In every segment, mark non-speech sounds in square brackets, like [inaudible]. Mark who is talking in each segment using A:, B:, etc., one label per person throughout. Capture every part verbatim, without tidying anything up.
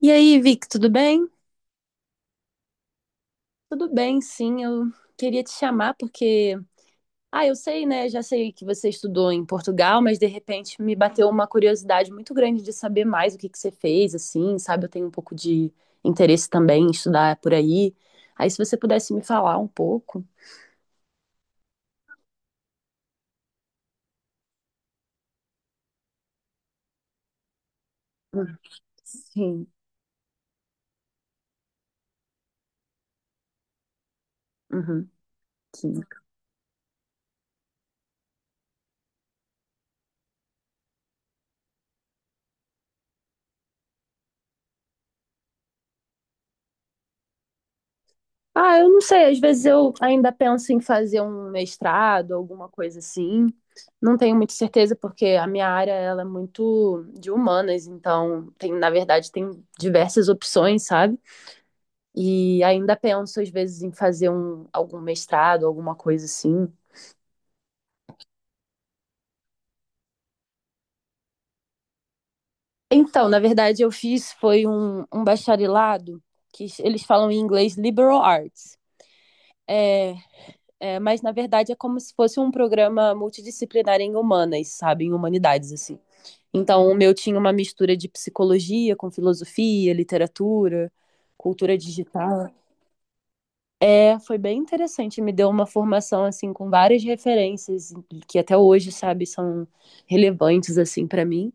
A: E aí, Vic, tudo bem? Tudo bem, sim. Eu queria te chamar porque, ah, eu sei, né? Já sei que você estudou em Portugal, mas de repente me bateu uma curiosidade muito grande de saber mais o que que você fez, assim, sabe? Eu tenho um pouco de interesse também em estudar por aí. Aí, se você pudesse me falar um pouco. Hum. Sim. Uhum, sim. Ah, eu não sei, às vezes eu ainda penso em fazer um mestrado, alguma coisa assim. Não tenho muita certeza, porque a minha área ela é muito de humanas, então tem, na verdade, tem diversas opções, sabe? E ainda penso, às vezes, em fazer um, algum mestrado, alguma coisa assim. Então, na verdade, eu fiz foi um, um bacharelado que eles falam em inglês liberal arts. É. É, mas na verdade é como se fosse um programa multidisciplinar em humanas, sabe? Em humanidades, assim. Então, o meu tinha uma mistura de psicologia com filosofia, literatura, cultura digital. É, foi bem interessante, me deu uma formação assim com várias referências que até hoje, sabe, são relevantes assim para mim.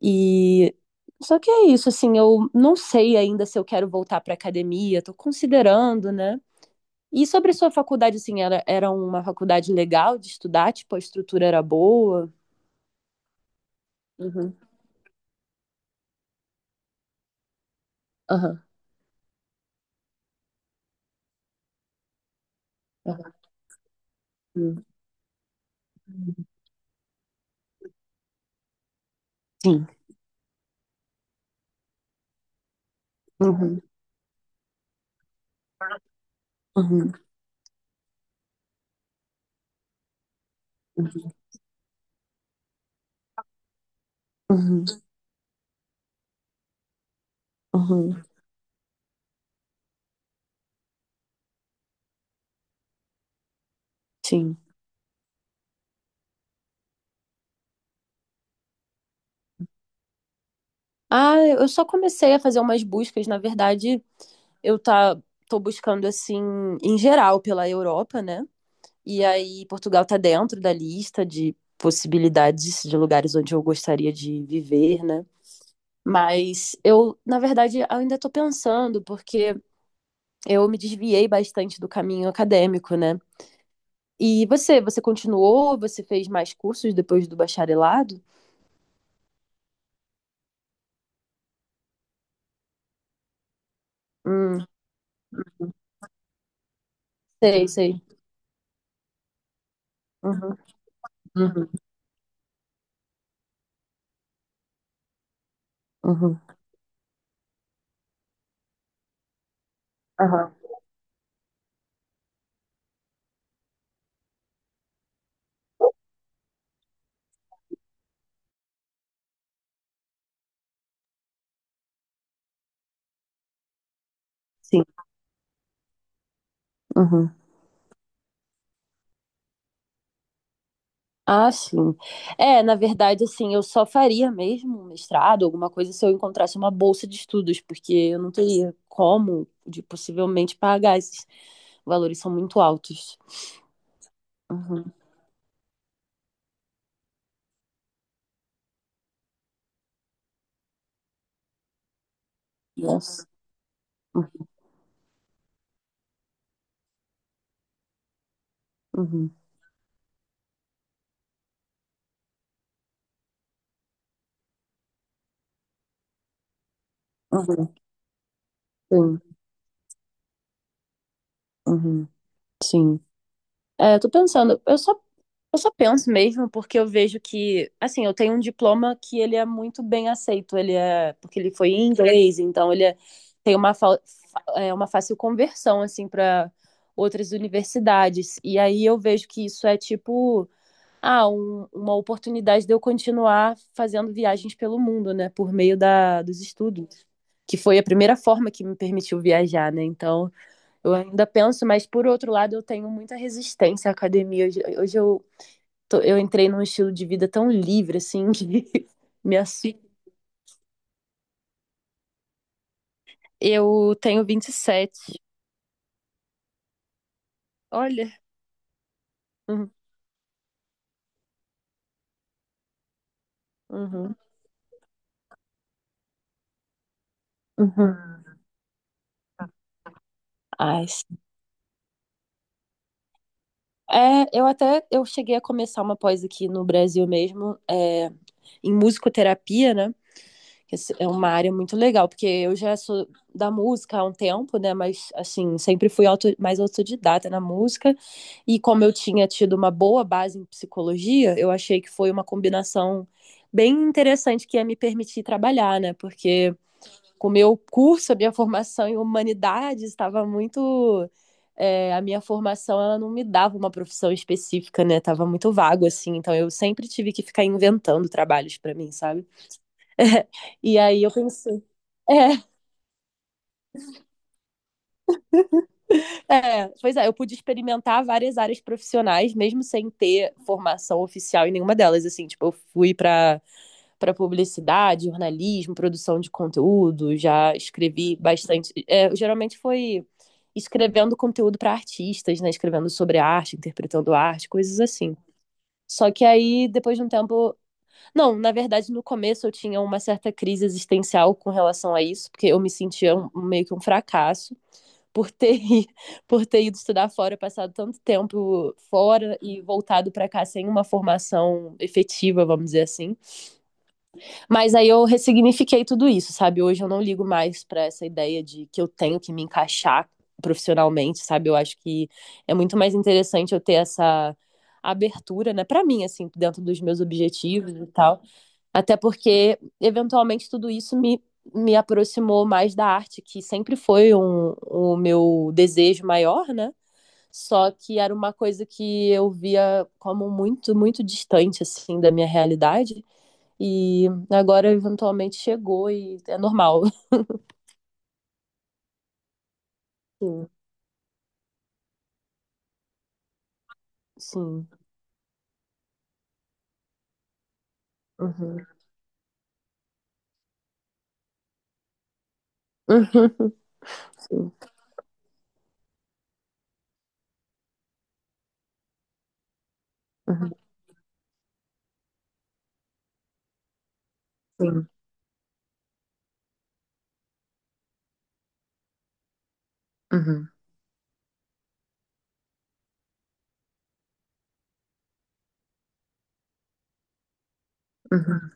A: E só que é isso, assim, eu não sei ainda se eu quero voltar para academia, tô considerando, né? E sobre sua faculdade, assim, era, era uma faculdade legal de estudar? Tipo, a estrutura era boa? Uhum. Aham. Uhum. Sim. Uhum. Uhum. Uhum. Uhum. Sim. Ah, eu só comecei a fazer umas buscas, na verdade, eu tá tô buscando assim em geral pela Europa, né? E aí Portugal tá dentro da lista de possibilidades de lugares onde eu gostaria de viver, né? Mas eu, na verdade, ainda tô pensando, porque eu me desviei bastante do caminho acadêmico, né? E você, você continuou? Você fez mais cursos depois do bacharelado? Hum, sei, sei. Uhum, uhum, uhum. Aham, sim. Uhum. Ah, sim. É, na verdade, assim, eu só faria mesmo um mestrado, alguma coisa, se eu encontrasse uma bolsa de estudos, porque eu não teria como de possivelmente pagar esses valores são muito altos. Uhum. Nossa. Uhum. Uhum. Uhum. Sim. Uhum. Sim. É, eu tô pensando, eu só Eu só penso mesmo porque eu vejo que, assim, eu tenho um diploma que ele é muito bem aceito, ele é, porque ele foi em inglês, então ele é- tem uma, fa- fa- é, uma fácil conversão, assim, para outras universidades. E aí eu vejo que isso é tipo, ah, um- uma oportunidade de eu continuar fazendo viagens pelo mundo, né, por meio da, dos estudos, que foi a primeira forma que me permitiu viajar, né, então... Eu ainda penso, mas por outro lado, eu tenho muita resistência à academia. Hoje, hoje eu tô- eu entrei num estilo de vida tão livre, assim, que [laughs] me assusta. Eu tenho vinte e sete. Olha. Uhum, uhum, uhum. Ai, sim. É, eu até eu cheguei a começar uma pós aqui no Brasil mesmo, é, em musicoterapia, né? É uma área muito legal, porque eu já sou da música há um tempo, né? Mas, assim, sempre fui auto- mais autodidata na música. E como eu tinha tido uma boa base em psicologia, eu achei que foi uma combinação bem interessante que ia me permitir trabalhar, né? Porque com o meu curso, a minha formação em humanidades estava muito. é, a minha formação, ela não me dava uma profissão específica, né? Tava muito vago, assim. Então, eu sempre tive que ficar inventando trabalhos para mim, sabe? [laughs] E aí eu pensei. É, é, pois é, eu pude experimentar várias áreas profissionais, mesmo sem ter formação oficial em nenhuma delas. Assim, tipo, eu fui para para publicidade, jornalismo, produção de conteúdo, já escrevi bastante. É, geralmente foi escrevendo conteúdo para artistas, né? Escrevendo sobre arte, interpretando arte, coisas assim. Só que aí, depois de um tempo. Não, na verdade, no começo eu tinha uma certa crise existencial com relação a isso, porque eu me sentia um- meio que um fracasso. por ter, [laughs] por ter ido estudar fora, passado tanto tempo fora e voltado para cá sem uma formação efetiva, vamos dizer assim. Mas aí eu ressignifiquei tudo isso, sabe? Hoje eu não ligo mais para essa ideia de que eu tenho que me encaixar profissionalmente, sabe? Eu acho que é muito mais interessante eu ter essa abertura, né, para mim assim, dentro dos meus objetivos e tal. Até porque, eventualmente, tudo isso me, me aproximou mais da arte, que sempre foi um, o meu desejo maior, né? Só que era uma coisa que eu via como muito, muito distante, assim, da minha realidade. E agora, eventualmente, chegou e é normal. [laughs] Sim, sim. Uhum. Uhum. Sim. Uhum. Sim. Uhum. Uhum.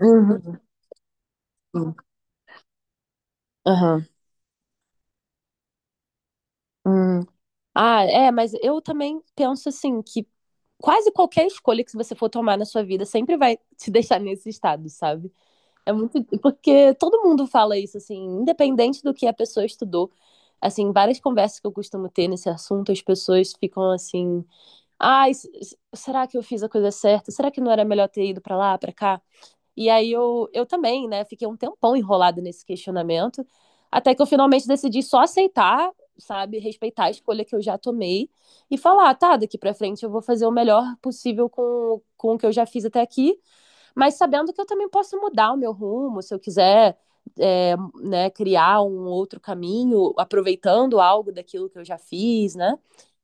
A: Uhum. Sim. Aham. Hum. Ah, é, mas eu também penso assim que quase qualquer escolha que você for tomar na sua vida sempre vai te deixar nesse estado, sabe? É muito porque todo mundo fala isso assim, independente do que a pessoa estudou. Assim, várias conversas que eu costumo ter nesse assunto, as pessoas ficam assim: "Ai, s- s- será que eu fiz a coisa certa? Será que não era melhor ter ido pra lá, pra cá?" E aí eu, eu também, né, fiquei um tempão enrolada nesse questionamento, até que eu finalmente decidi só aceitar, sabe, respeitar a escolha que eu já tomei e falar, tá, daqui pra frente eu vou fazer o melhor possível com, com o que eu já fiz até aqui, mas sabendo que eu também posso mudar o meu rumo, se eu quiser, é, né, criar um outro caminho, aproveitando algo daquilo que eu já fiz, né,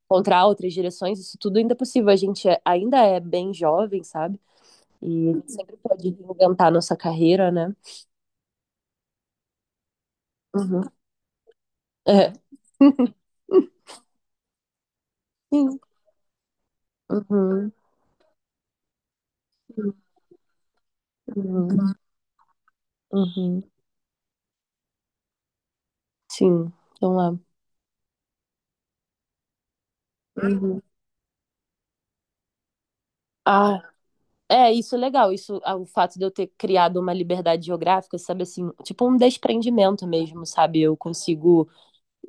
A: encontrar outras direções, isso tudo ainda é possível, a gente é- ainda é bem jovem, sabe? E a gente sempre pode reinventar nossa carreira, né? Uhum. É. Sim. Uhum. Uhum. Uhum. Sim. Então é. Uhum. Ah, é, isso é legal. Isso, ah, o fato de eu ter criado uma liberdade geográfica, sabe assim, tipo um desprendimento mesmo, sabe? Eu consigo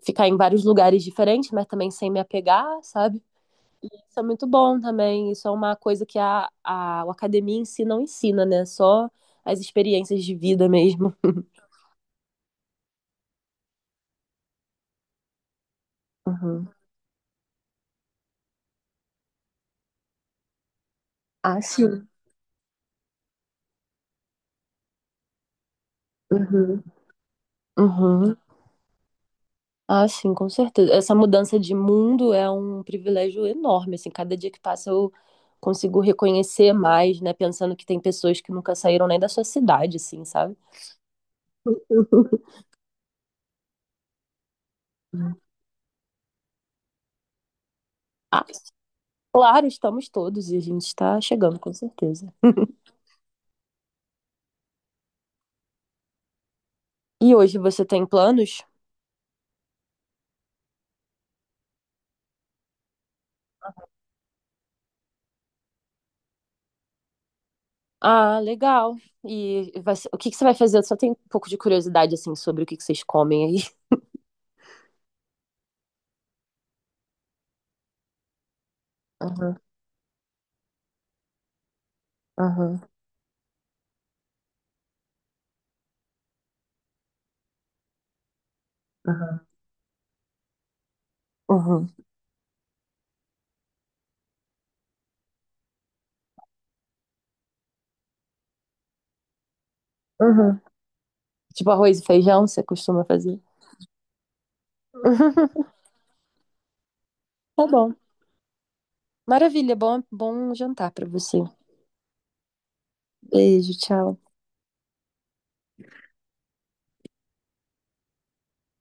A: ficar em vários lugares diferentes, mas também sem me apegar, sabe? Isso é muito bom também. Isso é uma coisa que a, a, a academia em si não ensina, né? Só as experiências de vida mesmo. Uhum. Ah, sim. Uhum. Uhum. Ah, sim, com certeza. Essa mudança de mundo é um privilégio enorme, assim, cada dia que passa eu consigo reconhecer mais, né, pensando que tem pessoas que nunca saíram nem da sua cidade, assim, sabe? [laughs] Uhum. Ah, claro, estamos todos e a gente está chegando, com certeza. E hoje você tem planos? Ah, legal. E vai ser- o que que você vai fazer? Eu só tenho um pouco de curiosidade, assim, sobre o que que vocês comem aí. Aham, aham, aham, aham. Aham. Tipo arroz e feijão, você costuma fazer? Uhum, tá bom. Maravilha, bom, bom jantar para você. Beijo, tchau.